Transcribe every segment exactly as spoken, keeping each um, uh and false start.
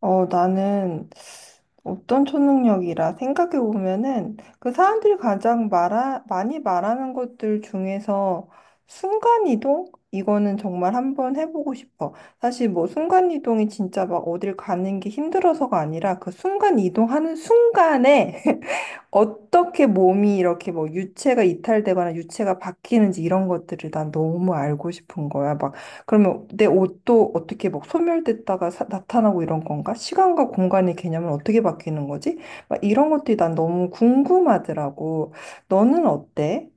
어, 나는 어떤 초능력이라 생각해 보면은 그 사람들이 가장 말하, 많이 말하는 것들 중에서 순간이동? 이거는 정말 한번 해보고 싶어. 사실 뭐 순간이동이 진짜 막 어딜 가는 게 힘들어서가 아니라 그 순간이동하는 순간에 어떻게 몸이 이렇게 뭐 유체가 이탈되거나 유체가 바뀌는지 이런 것들을 난 너무 알고 싶은 거야. 막 그러면 내 옷도 어떻게 막 소멸됐다가 사- 나타나고 이런 건가? 시간과 공간의 개념은 어떻게 바뀌는 거지? 막 이런 것들이 난 너무 궁금하더라고. 너는 어때?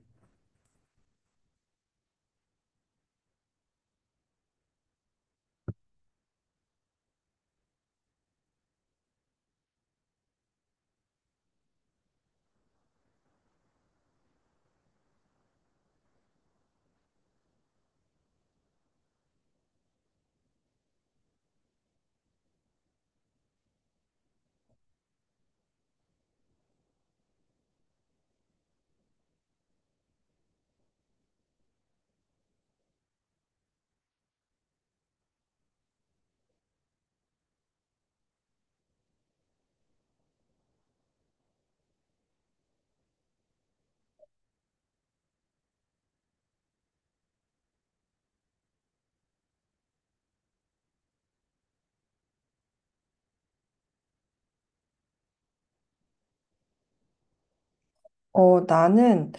어, 나는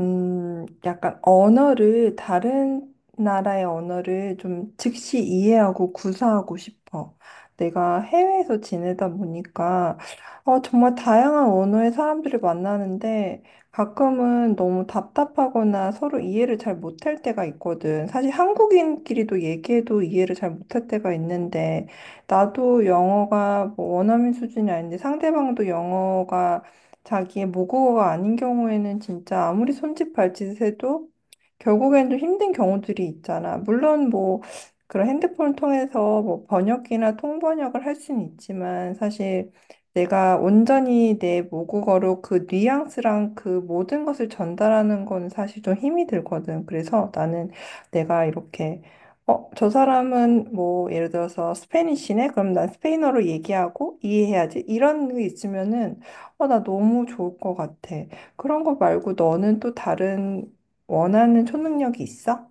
음, 약간 언어를, 다른 나라의 언어를 좀 즉시 이해하고 구사하고 싶어. 내가 해외에서 지내다 보니까, 어, 정말 다양한 언어의 사람들을 만나는데, 가끔은 너무 답답하거나 서로 이해를 잘 못할 때가 있거든. 사실 한국인끼리도 얘기해도 이해를 잘 못할 때가 있는데, 나도 영어가 뭐 원어민 수준이 아닌데, 상대방도 영어가 자기의 모국어가 아닌 경우에는 진짜 아무리 손짓 발짓 해도 결국엔 좀 힘든 경우들이 있잖아. 물론 뭐 그런 핸드폰을 통해서 뭐 번역기나 통번역을 할 수는 있지만 사실 내가 온전히 내 모국어로 그 뉘앙스랑 그 모든 것을 전달하는 건 사실 좀 힘이 들거든. 그래서 나는 내가 이렇게 어, 저 사람은 뭐 예를 들어서 스페니쉬네? 그럼 난 스페인어로 얘기하고 이해해야지. 이런 게 있으면은 어, 나 너무 좋을 것 같아. 그런 거 말고 너는 또 다른 원하는 초능력이 있어?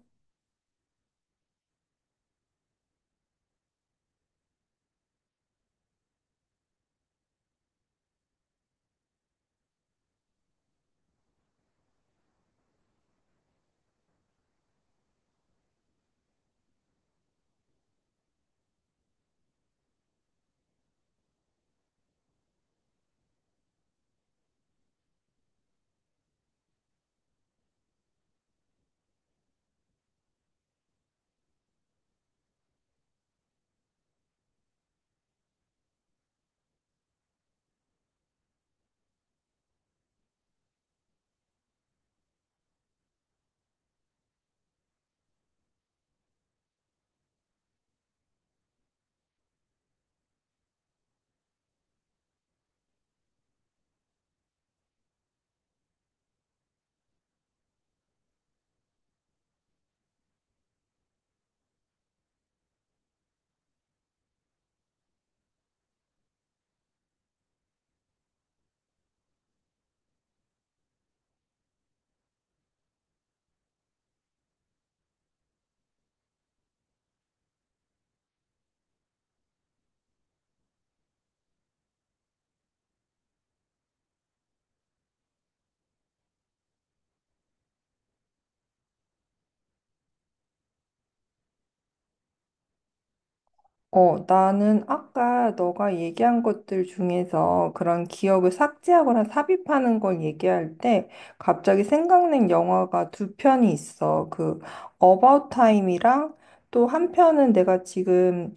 어, 나는 아까 너가 얘기한 것들 중에서 그런 기억을 삭제하거나 삽입하는 걸 얘기할 때 갑자기 생각난 영화가 두 편이 있어. 그 About Time이랑 또 한 편은 내가 지금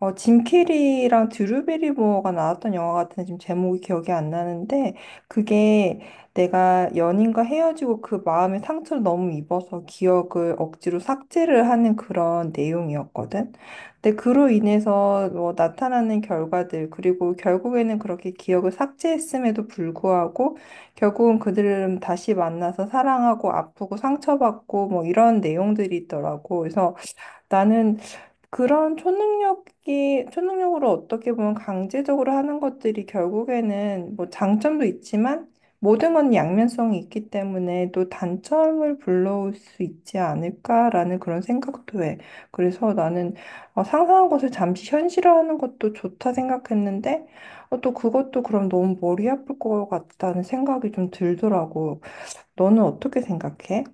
어, 짐 캐리랑 드루 베리모어가 나왔던 영화 같은데 지금 제목이 기억이 안 나는데 그게 내가 연인과 헤어지고 그 마음의 상처를 너무 입어서 기억을 억지로 삭제를 하는 그런 내용이었거든. 근데 그로 인해서 뭐 나타나는 결과들, 그리고 결국에는 그렇게 기억을 삭제했음에도 불구하고, 결국은 그들은 다시 만나서 사랑하고 아프고 상처받고 뭐 이런 내용들이 있더라고. 그래서 나는 그런 초능력이, 초능력으로 어떻게 보면 강제적으로 하는 것들이 결국에는 뭐 장점도 있지만 모든 건 양면성이 있기 때문에 또 단점을 불러올 수 있지 않을까라는 그런 생각도 해. 그래서 나는 어, 상상한 것을 잠시 현실화하는 것도 좋다 생각했는데 어, 또 그것도 그럼 너무 머리 아플 것 같다는 생각이 좀 들더라고. 너는 어떻게 생각해?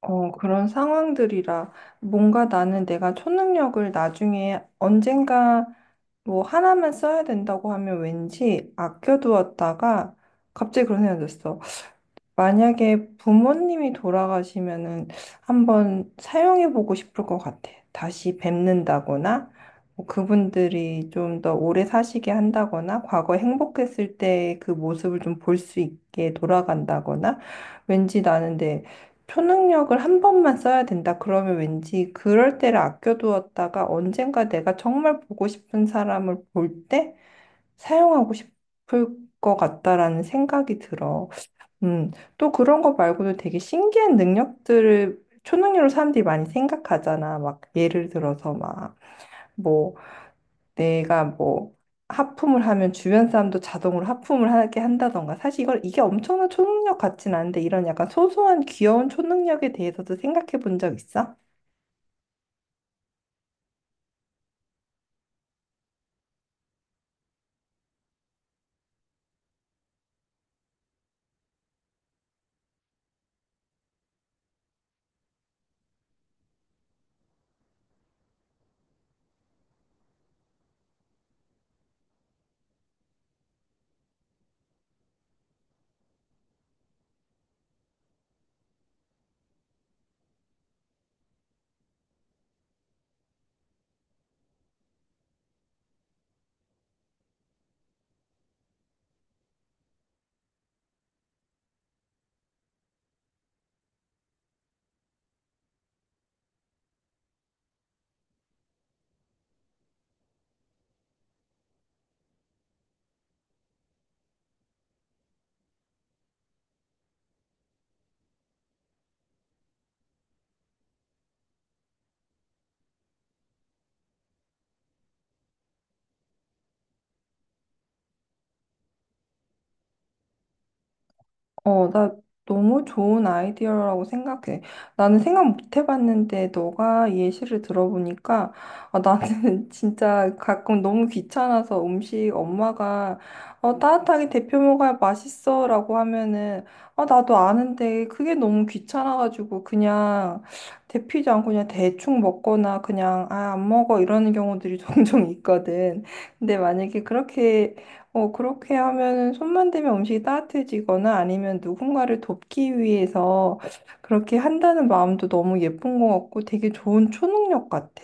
어, 그런 상황들이라 뭔가 나는 내가 초능력을 나중에 언젠가 뭐 하나만 써야 된다고 하면 왠지 아껴두었다가 갑자기 그런 생각이 들었어. 만약에 부모님이 돌아가시면은 한번 사용해 보고 싶을 것 같아. 다시 뵙는다거나, 뭐 그분들이 좀 더 오래 사시게 한다거나, 과거 행복했을 때 그 모습을 좀 볼 수 있게 돌아간다거나, 왠지 나는 내 초능력을 한 번만 써야 된다. 그러면 왠지 그럴 때를 아껴두었다가 언젠가 내가 정말 보고 싶은 사람을 볼 때 사용하고 싶을 것 같다라는 생각이 들어. 음, 또 그런 거 말고도 되게 신기한 능력들을 초능력으로 사람들이 많이 생각하잖아. 막 예를 들어서 막 뭐 내가 뭐 하품을 하면 주변 사람도 자동으로 하품을 하게 한다던가. 사실 이걸 이게 엄청난 초능력 같진 않은데 이런 약간 소소한 귀여운 초능력에 대해서도 생각해 본 적 있어? 어, 나 너무 좋은 아이디어라고 생각해. 나는 생각 못 해봤는데 너가 예시를 들어보니까 아, 나는 진짜 가끔 너무 귀찮아서 음식 엄마가 어, 따뜻하게 데펴 먹어야 맛있어라고 하면은 아, 나도 아는데 그게 너무 귀찮아가지고 그냥 데피지 않고 그냥 대충 먹거나 그냥 아, 안 먹어 이러는 경우들이 종종 있거든. 근데 만약에 그렇게 어, 그렇게 하면은 손만 대면 음식이 따뜻해지거나 아니면 누군가를 돕기 위해서 그렇게 한다는 마음도 너무 예쁜 것 같고 되게 좋은 초능력 같아.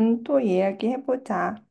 음, 또 이야기해보자.